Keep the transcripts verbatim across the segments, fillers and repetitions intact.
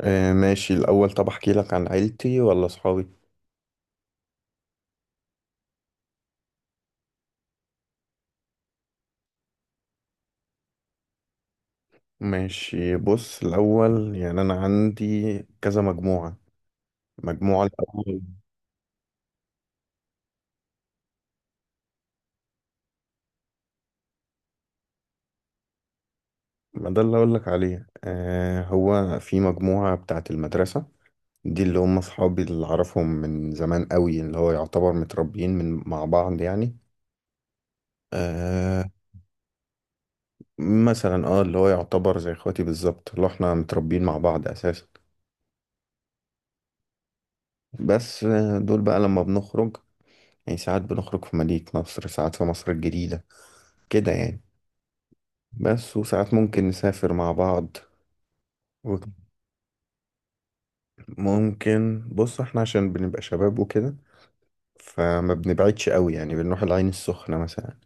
آه، ماشي. الأول، طب أحكي لك عن عيلتي ولا صحابي؟ ماشي، بص. الأول يعني أنا عندي كذا مجموعة. مجموعة الأول، ما ده اللي أقول لك عليه. آه هو في مجموعة بتاعة المدرسة، دي اللي هم صحابي اللي أعرفهم من زمان قوي، اللي هو يعتبر متربيين من مع بعض يعني. آه. مثلا اه اللي هو يعتبر زي اخواتي بالظبط، اللي احنا متربيين مع بعض أساسا. بس آه، دول بقى لما بنخرج، يعني ساعات بنخرج في مدينة نصر، ساعات في مصر الجديدة كده يعني. بس وساعات ممكن نسافر مع بعض. وممكن، بص، احنا عشان بنبقى شباب وكده فما بنبعدش قوي، يعني بنروح العين السخنة مثلا.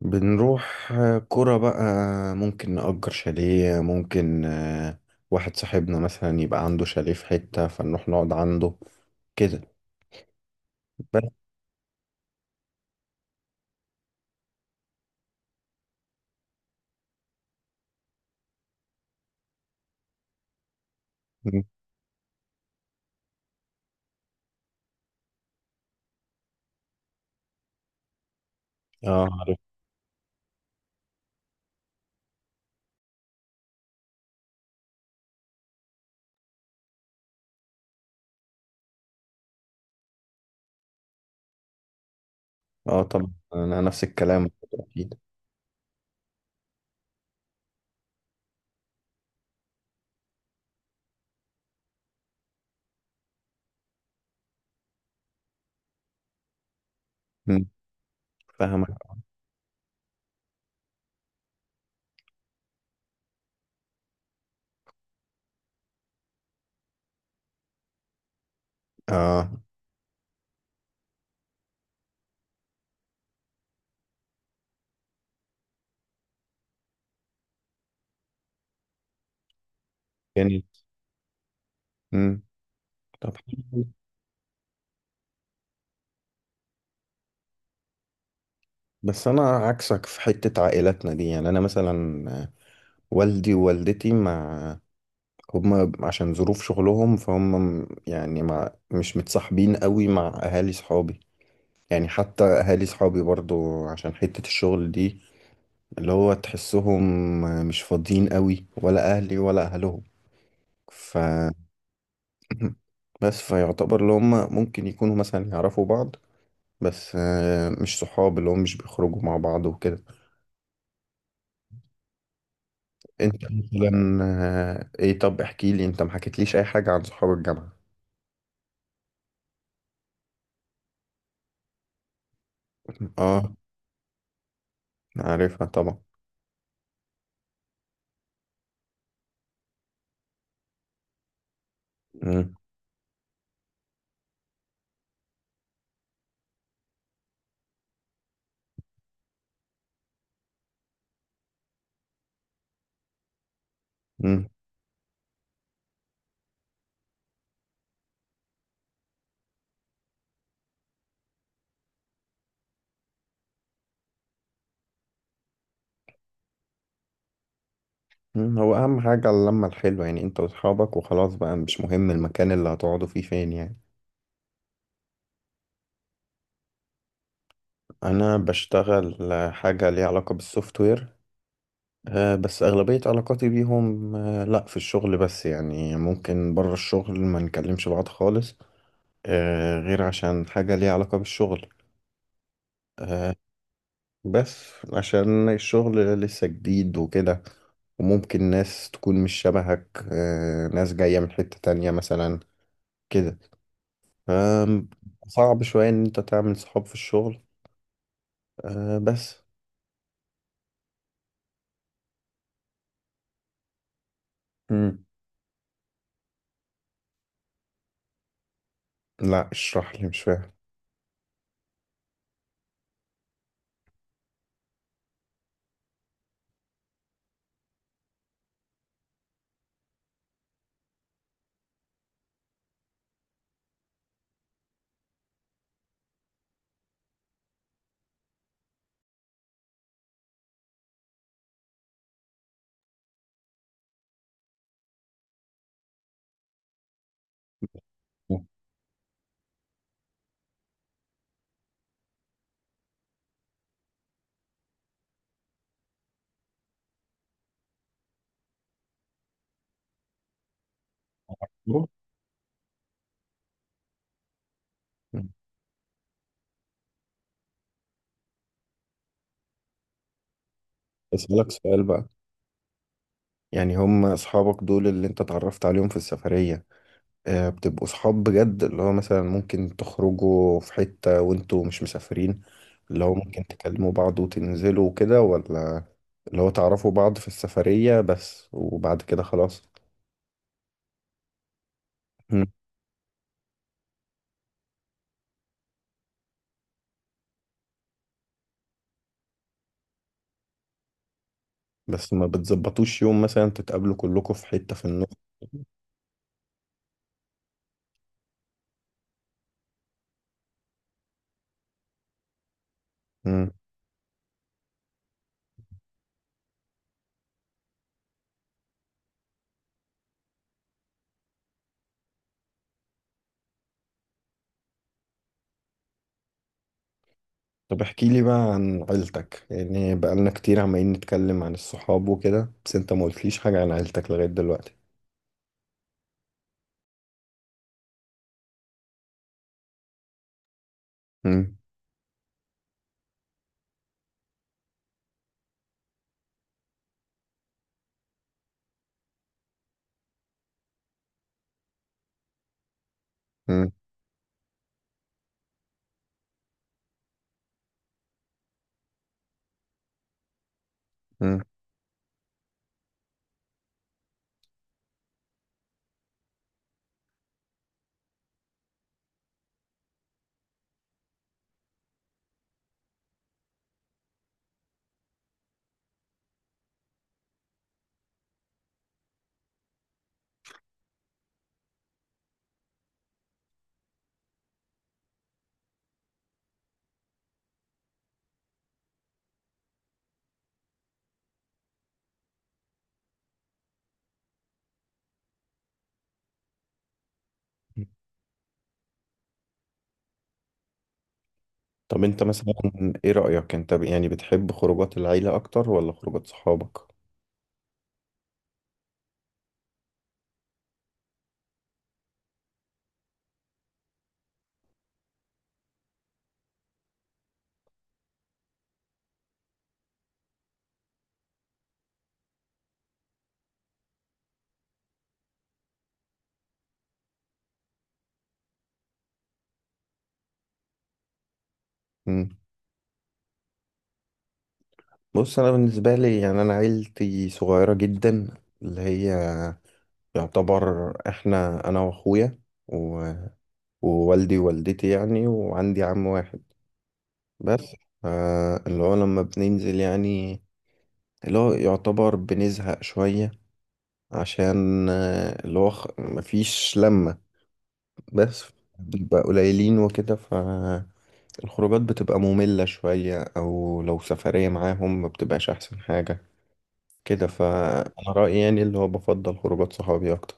بنروح آه، قرى بقى. ممكن نأجر شاليه، ممكن آه، واحد صاحبنا مثلا يبقى عنده شاليه في حتة فنروح نقعد عنده كده. بس. م. اه، عارف. اه، طبعا انا نفس الكلام اكيد. م. فاهمك. اه، يعني. م. طب، حلو. بس انا عكسك في حتة عائلاتنا دي. يعني انا مثلا والدي ووالدتي، مع هما عشان ظروف شغلهم فهم م- يعني مع مش متصاحبين قوي مع اهالي صحابي. يعني حتى اهالي صحابي برضو، عشان حتة الشغل دي، اللي هو تحسهم مش فاضيين قوي، ولا اهلي ولا اهلهم. ف بس فيعتبر اللي هم ممكن يكونوا مثلا يعرفوا بعض، بس آه، مش صحاب، اللي هم مش بيخرجوا مع بعض وكده. انت مثلا آه، ايه طب احكي لي، انت ما حكيتليش اي حاجة عن صحاب الجامعة. اه، عارفها طبعا. مم. مم. مم. هو اهم حاجة اللمة الحلوة، يعني انت واصحابك وخلاص بقى، مش مهم المكان اللي هتقعدوا فيه فين يعني. انا بشتغل آه، حاجة ليها علاقة بالسوفت وير. آه، بس اغلبية علاقاتي بيهم، آه، لا في الشغل بس. يعني ممكن بره الشغل ما نكلمش بعض خالص، آه، غير عشان حاجة ليها علاقة بالشغل. آه، بس عشان الشغل لسه جديد وكده، وممكن ناس تكون مش شبهك، آه، ناس جاية من حتة تانية مثلا كده. آم، صعب شوية إن أنت تعمل صحاب في الشغل، آه، بس. مم. لا، اشرح لي، مش فاهم. مم. أسألك سؤال بقى. يعني هم أصحابك دول اللي أنت اتعرفت عليهم في السفرية، آه، بتبقوا صحاب بجد اللي هو مثلا ممكن تخرجوا في حتة وانتوا مش مسافرين، اللي هو ممكن تكلموا بعض وتنزلوا وكده؟ ولا اللي هو تعرفوا بعض في السفرية بس وبعد كده خلاص؟ مم. بس ما بتظبطوش يوم مثلا تتقابلوا كلكم في حتة في النص؟ مم. طب احكي لي بقى عن عيلتك. يعني بقالنا كتير عمالين نتكلم عن الصحاب وكده، بس انت ما قلتليش حاجة عن عيلتك لغاية دلوقتي. مم. مم. مم. طب انت مثلا، ايه رأيك انت ب- يعني بتحب خروجات العيلة اكتر ولا خروجات صحابك؟ مم. بص، انا بالنسبة لي يعني انا عيلتي صغيرة جدا، اللي هي يعتبر احنا انا واخويا و- ووالدي ووالدتي يعني، وعندي عم واحد بس. آه، اللي هو لما بننزل يعني، اللي هو يعتبر بنزهق شوية، عشان آه، اللي هو خ- مفيش لمة، بس بنبقى قليلين وكده. ف الخروجات بتبقى مملة شوية، أو لو سفرية معاهم ما بتبقاش أحسن حاجة كده. فأنا رأيي يعني اللي هو بفضل خروجات صحابي أكتر.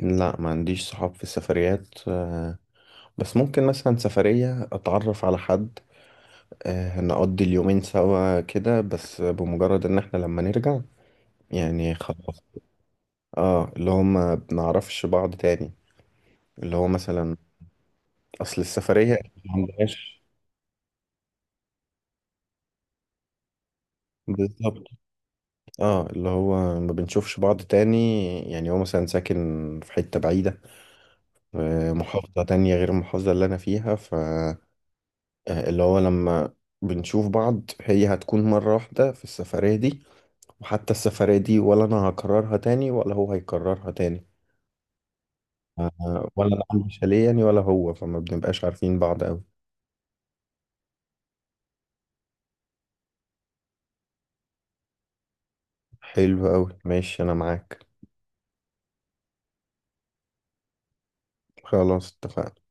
لا، ما عنديش صحاب في السفريات. آه، بس ممكن مثلا سفرية أتعرف على حد، آه، نقضي اليومين سوا كده، بس بمجرد إن إحنا لما نرجع يعني خلاص. اه، اللي هو ما بنعرفش بعض تاني. اللي هو مثلا أصل السفرية ما عندهاش. بالظبط. اه، اللي هو ما بنشوفش بعض تاني. يعني هو مثلا ساكن في حتة بعيدة، آه، محافظة تانية غير المحافظة اللي أنا فيها. ف آه، اللي هو لما بنشوف بعض هي هتكون مرة واحدة في السفرية دي، وحتى السفرية دي ولا أنا هكررها تاني ولا هو هيكررها تاني. آه، ولا أنا عندي شاليه يعني ولا هو، فما بنبقاش عارفين بعض أوي. حلو أوي، ماشي، أنا معاك. خلاص، اتفقنا.